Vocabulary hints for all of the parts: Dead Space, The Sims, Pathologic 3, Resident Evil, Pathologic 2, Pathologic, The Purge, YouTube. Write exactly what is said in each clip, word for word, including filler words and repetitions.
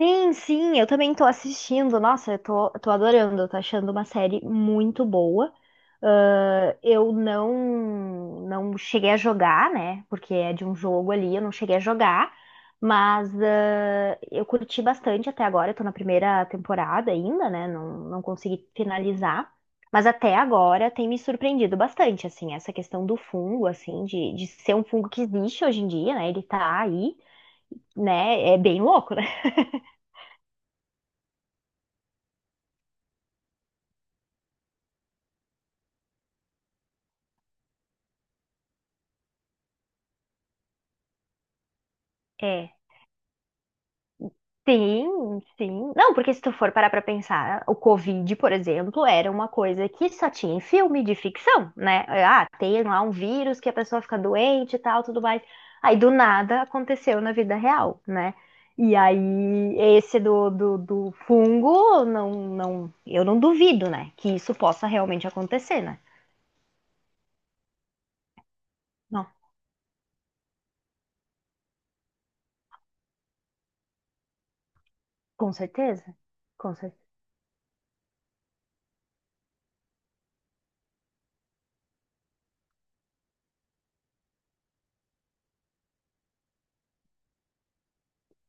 Sim, sim, eu também tô assistindo. Nossa, eu tô, eu tô adorando, eu tô achando uma série muito boa. Ah, eu não não cheguei a jogar, né? Porque é de um jogo ali, eu não cheguei a jogar, mas ah, eu curti bastante até agora. Eu tô na primeira temporada ainda, né? Não, não consegui finalizar. Mas até agora tem me surpreendido bastante, assim, essa questão do fungo, assim, de, de ser um fungo que existe hoje em dia, né? Ele tá aí, né? É bem louco, né? É. Sim, sim. Não, porque se tu for parar pra pensar, o Covid, por exemplo, era uma coisa que só tinha em filme de ficção, né? Ah, tem lá um vírus que a pessoa fica doente e tal, tudo mais. Aí do nada aconteceu na vida real, né? E aí esse do, do, do fungo, não, não, eu não duvido, né? Que isso possa realmente acontecer, né? Não, com certeza. Com certeza.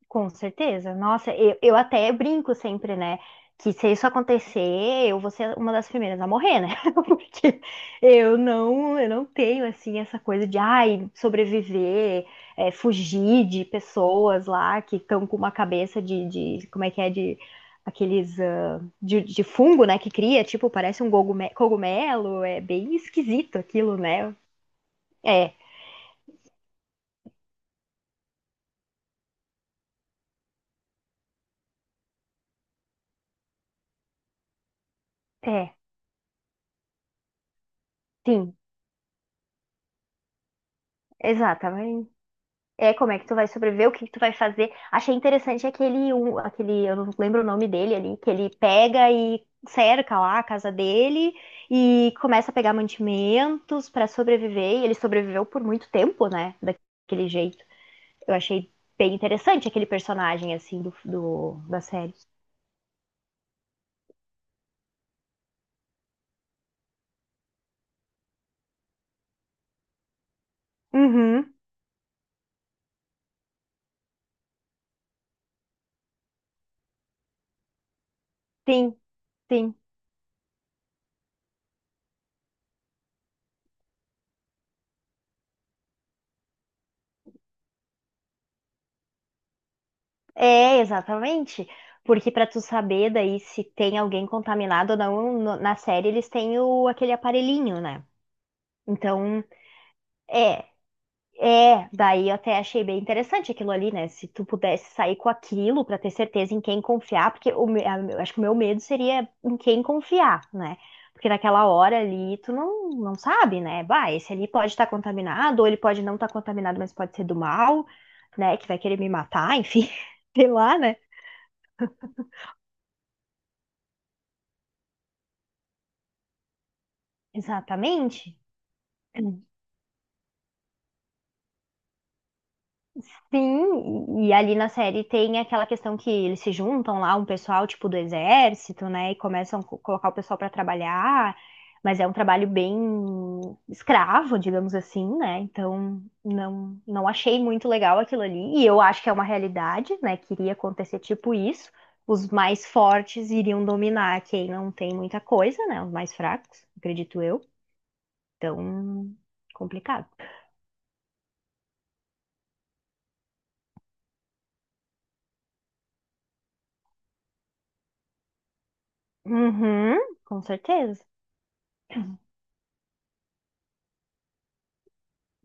Com certeza. Nossa, eu, eu até brinco sempre, né? Que se isso acontecer, eu vou ser uma das primeiras a morrer, né? Porque eu não, eu não tenho, assim, essa coisa de, ai, sobreviver, é, fugir de pessoas lá que estão com uma cabeça de, de, como é que é, de aqueles, ah, de, de fungo, né? Que cria, tipo, parece um gogume- cogumelo. É bem esquisito aquilo, né? É, é, sim, exatamente. É, como é que tu vai sobreviver, o que que tu vai fazer. Achei interessante aquele, um, aquele, eu não lembro o nome dele ali, que ele pega e cerca lá a casa dele e começa a pegar mantimentos pra sobreviver. E ele sobreviveu por muito tempo, né? Daquele jeito. Eu achei bem interessante aquele personagem, assim, do, do- da série. Uhum, sim, sim. É, exatamente. Porque pra tu saber daí se tem alguém contaminado ou não, no- na série eles têm o, aquele aparelhinho, né? Então, é, é, daí eu até achei bem interessante aquilo ali, né? Se tu pudesse sair com aquilo pra ter certeza em quem confiar, porque o, me- a- eu acho que o meu medo seria em quem confiar, né? Porque naquela hora ali tu não, não sabe, né? Bah, esse ali pode estar contaminado, ou ele pode não estar contaminado, mas pode ser do mal, né? Que vai querer me matar, enfim, sei lá, né? Exatamente. Sim, e ali na série tem aquela questão que eles se juntam lá, um pessoal tipo do exército, né, e começam a co- colocar o pessoal para trabalhar, mas é um trabalho bem escravo, digamos assim, né? Então, não não achei muito legal aquilo ali, e eu acho que é uma realidade, né, que iria acontecer tipo isso. Os mais fortes iriam dominar quem não tem muita coisa, né? Os mais fracos, acredito eu. Então, complicado. Uhum, com certeza.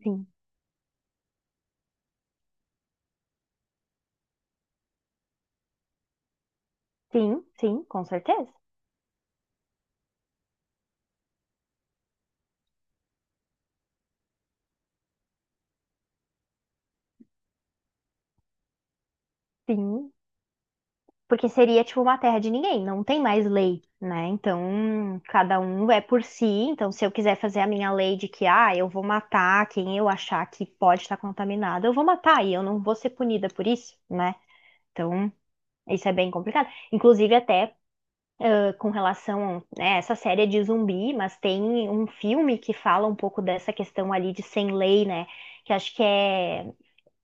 Sim. Sim, sim, com certeza. Sim, porque seria tipo uma terra de ninguém, não tem mais lei, né? Então, cada um é por si. Então, se eu quiser fazer a minha lei de que, ah, eu vou matar quem eu achar que pode estar contaminado, eu vou matar e eu não vou ser punida por isso, né? Então, isso é bem complicado. Inclusive, até ah, com relação a né, essa série é de zumbi, mas tem um filme que fala um pouco dessa questão ali de sem lei, né? Que acho que é.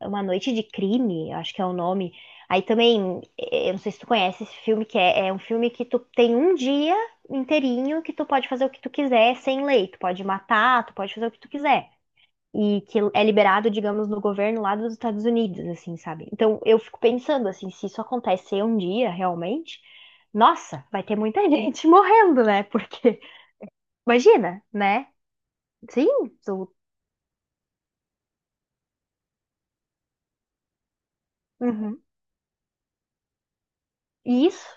Uma Noite de Crime, acho que é o nome. Aí também, eh, eu não sei se tu conhece esse filme, que é, é um filme que tu tem um dia inteirinho que tu pode fazer o que tu quiser sem lei. Tu pode matar, tu pode fazer o que tu quiser. E que é liberado, digamos, no governo lá dos Estados Unidos, assim, sabe? Então eu fico pensando, assim, se isso acontecer um dia realmente, nossa, vai ter muita gente morrendo, né? Porque, imagina, né? Sim, tu. Uhum. Isso,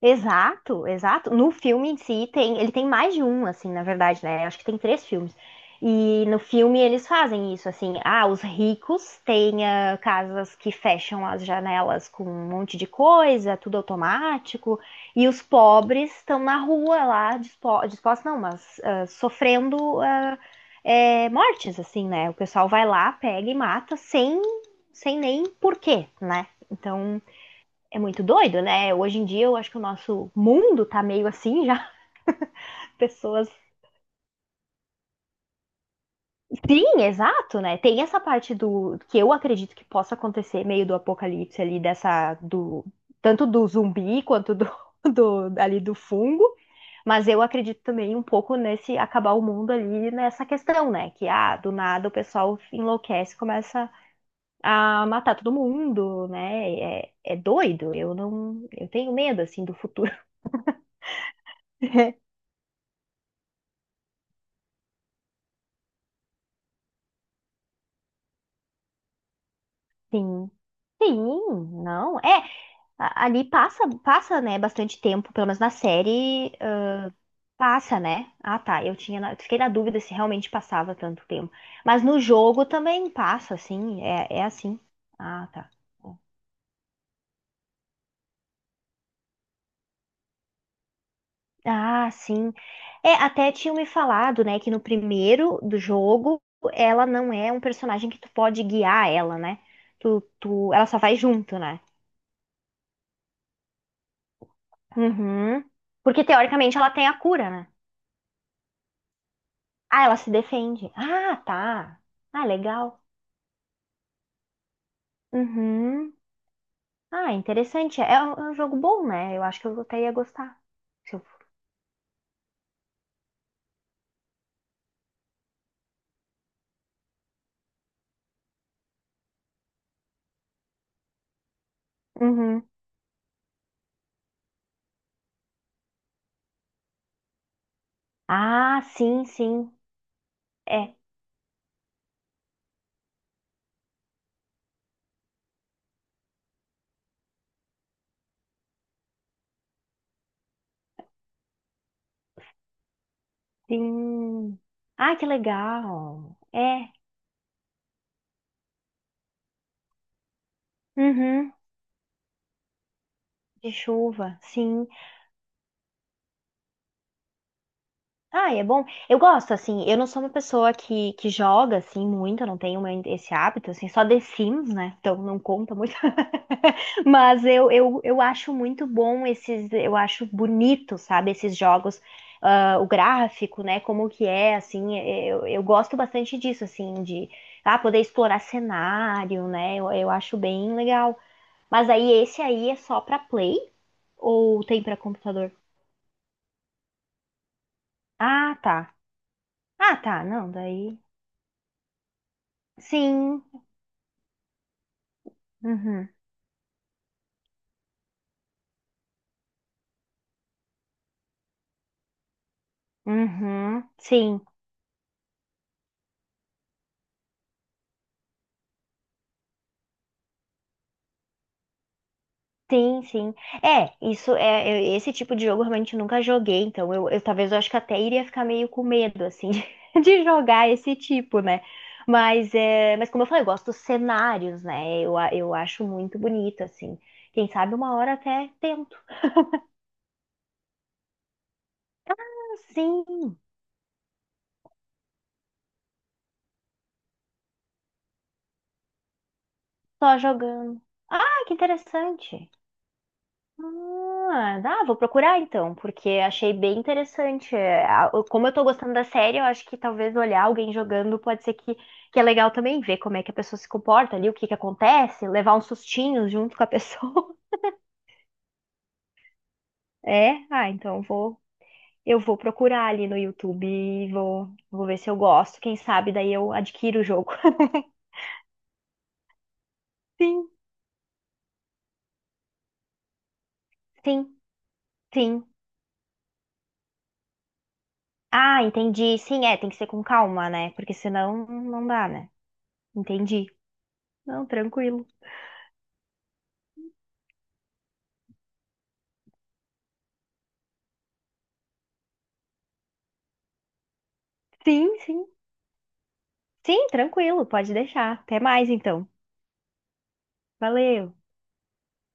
exato, exato. No filme em si tem, ele tem mais de um, assim, na verdade, né? Acho que tem três filmes. E no filme eles fazem isso, assim, ah, os ricos têm ah, casas que fecham as janelas com um monte de coisa, tudo automático, e os pobres estão na rua lá, dispo- dispostos, não, mas ah, sofrendo ah, é, mortes, assim, né? O pessoal vai lá, pega e mata sem, sem nem porquê, né? Então. É muito doido, né? Hoje em dia eu acho que o nosso mundo tá meio assim já. Pessoas. Sim, exato, né? Tem essa parte do que eu acredito que possa acontecer, meio do apocalipse ali, dessa. Do Tanto do zumbi quanto do, do ali do fungo. Mas eu acredito também um pouco nesse acabar o mundo ali nessa questão, né? Que ah, do nada o pessoal enlouquece, começa a matar todo mundo, né? É, é doido. Eu não, eu tenho medo assim do futuro. Sim. Sim, não. É, a- ali passa, passa, né, bastante tempo, pelo menos na série, ah, passa, né? Ah, tá, eu tinha, na- fiquei na dúvida se realmente passava tanto tempo. Mas no jogo também passa, assim, é, é assim. Ah, tá. Ah, sim. É, até tinham me falado, né, que no primeiro do jogo ela não é um personagem que tu pode guiar ela, né? Tu, tu, ela só vai junto, né? Uhum. Porque teoricamente ela tem a cura, né? Ah, ela se defende. Ah, tá. Ah, legal. Uhum. Ah, interessante. É um, é um jogo bom, né? Eu acho que eu até ia gostar. Se eu- Uhum. Ah, sim, sim. É. Sim. Ah, que legal. É. Uhum. De chuva, sim. Ah, é bom. Eu gosto, assim. Eu não sou uma pessoa que, que joga, assim, muito. Eu não tenho uma- esse hábito, assim. Só The Sims, né? Então não conta muito. Mas eu, eu, eu acho muito bom esses, eu acho bonito, sabe, esses jogos, ah, o gráfico, né, como que é, assim, eu, eu gosto bastante disso, assim, de ah, poder explorar cenário, né, eu, eu acho bem legal. Mas aí esse aí é só pra Play ou tem pra computador? Ah, tá. Ah, tá, não, daí. Sim. Uhum. Uhum. Sim. Sim, sim. É, isso é, eu- esse tipo de jogo eu realmente nunca joguei, então eu, eu talvez eu acho que até iria ficar meio com medo assim de jogar esse tipo, né? Mas é, mas como eu falei, eu gosto dos cenários, né? Eu, a- eu acho muito bonito assim. Quem sabe uma hora até tento. Sim, só jogando. Ah, que interessante. Ah, dá, vou procurar então, porque achei bem interessante. É, a- o- como eu tô gostando da série, eu acho que talvez olhar alguém jogando pode ser que, que é legal também ver como é que a pessoa se comporta ali, o que que acontece, levar uns sustinhos junto com a pessoa. É, ah, então vou, eu vou procurar ali no YouTube e vou, vou ver se eu gosto. Quem sabe daí eu adquiro o jogo. Sim, sim, sim. Ah, entendi. Sim, é, tem que ser com calma, né? Porque senão não dá, né? Entendi. Não, tranquilo. Sim, sim. Sim, tranquilo, pode deixar. Até mais então. Valeu.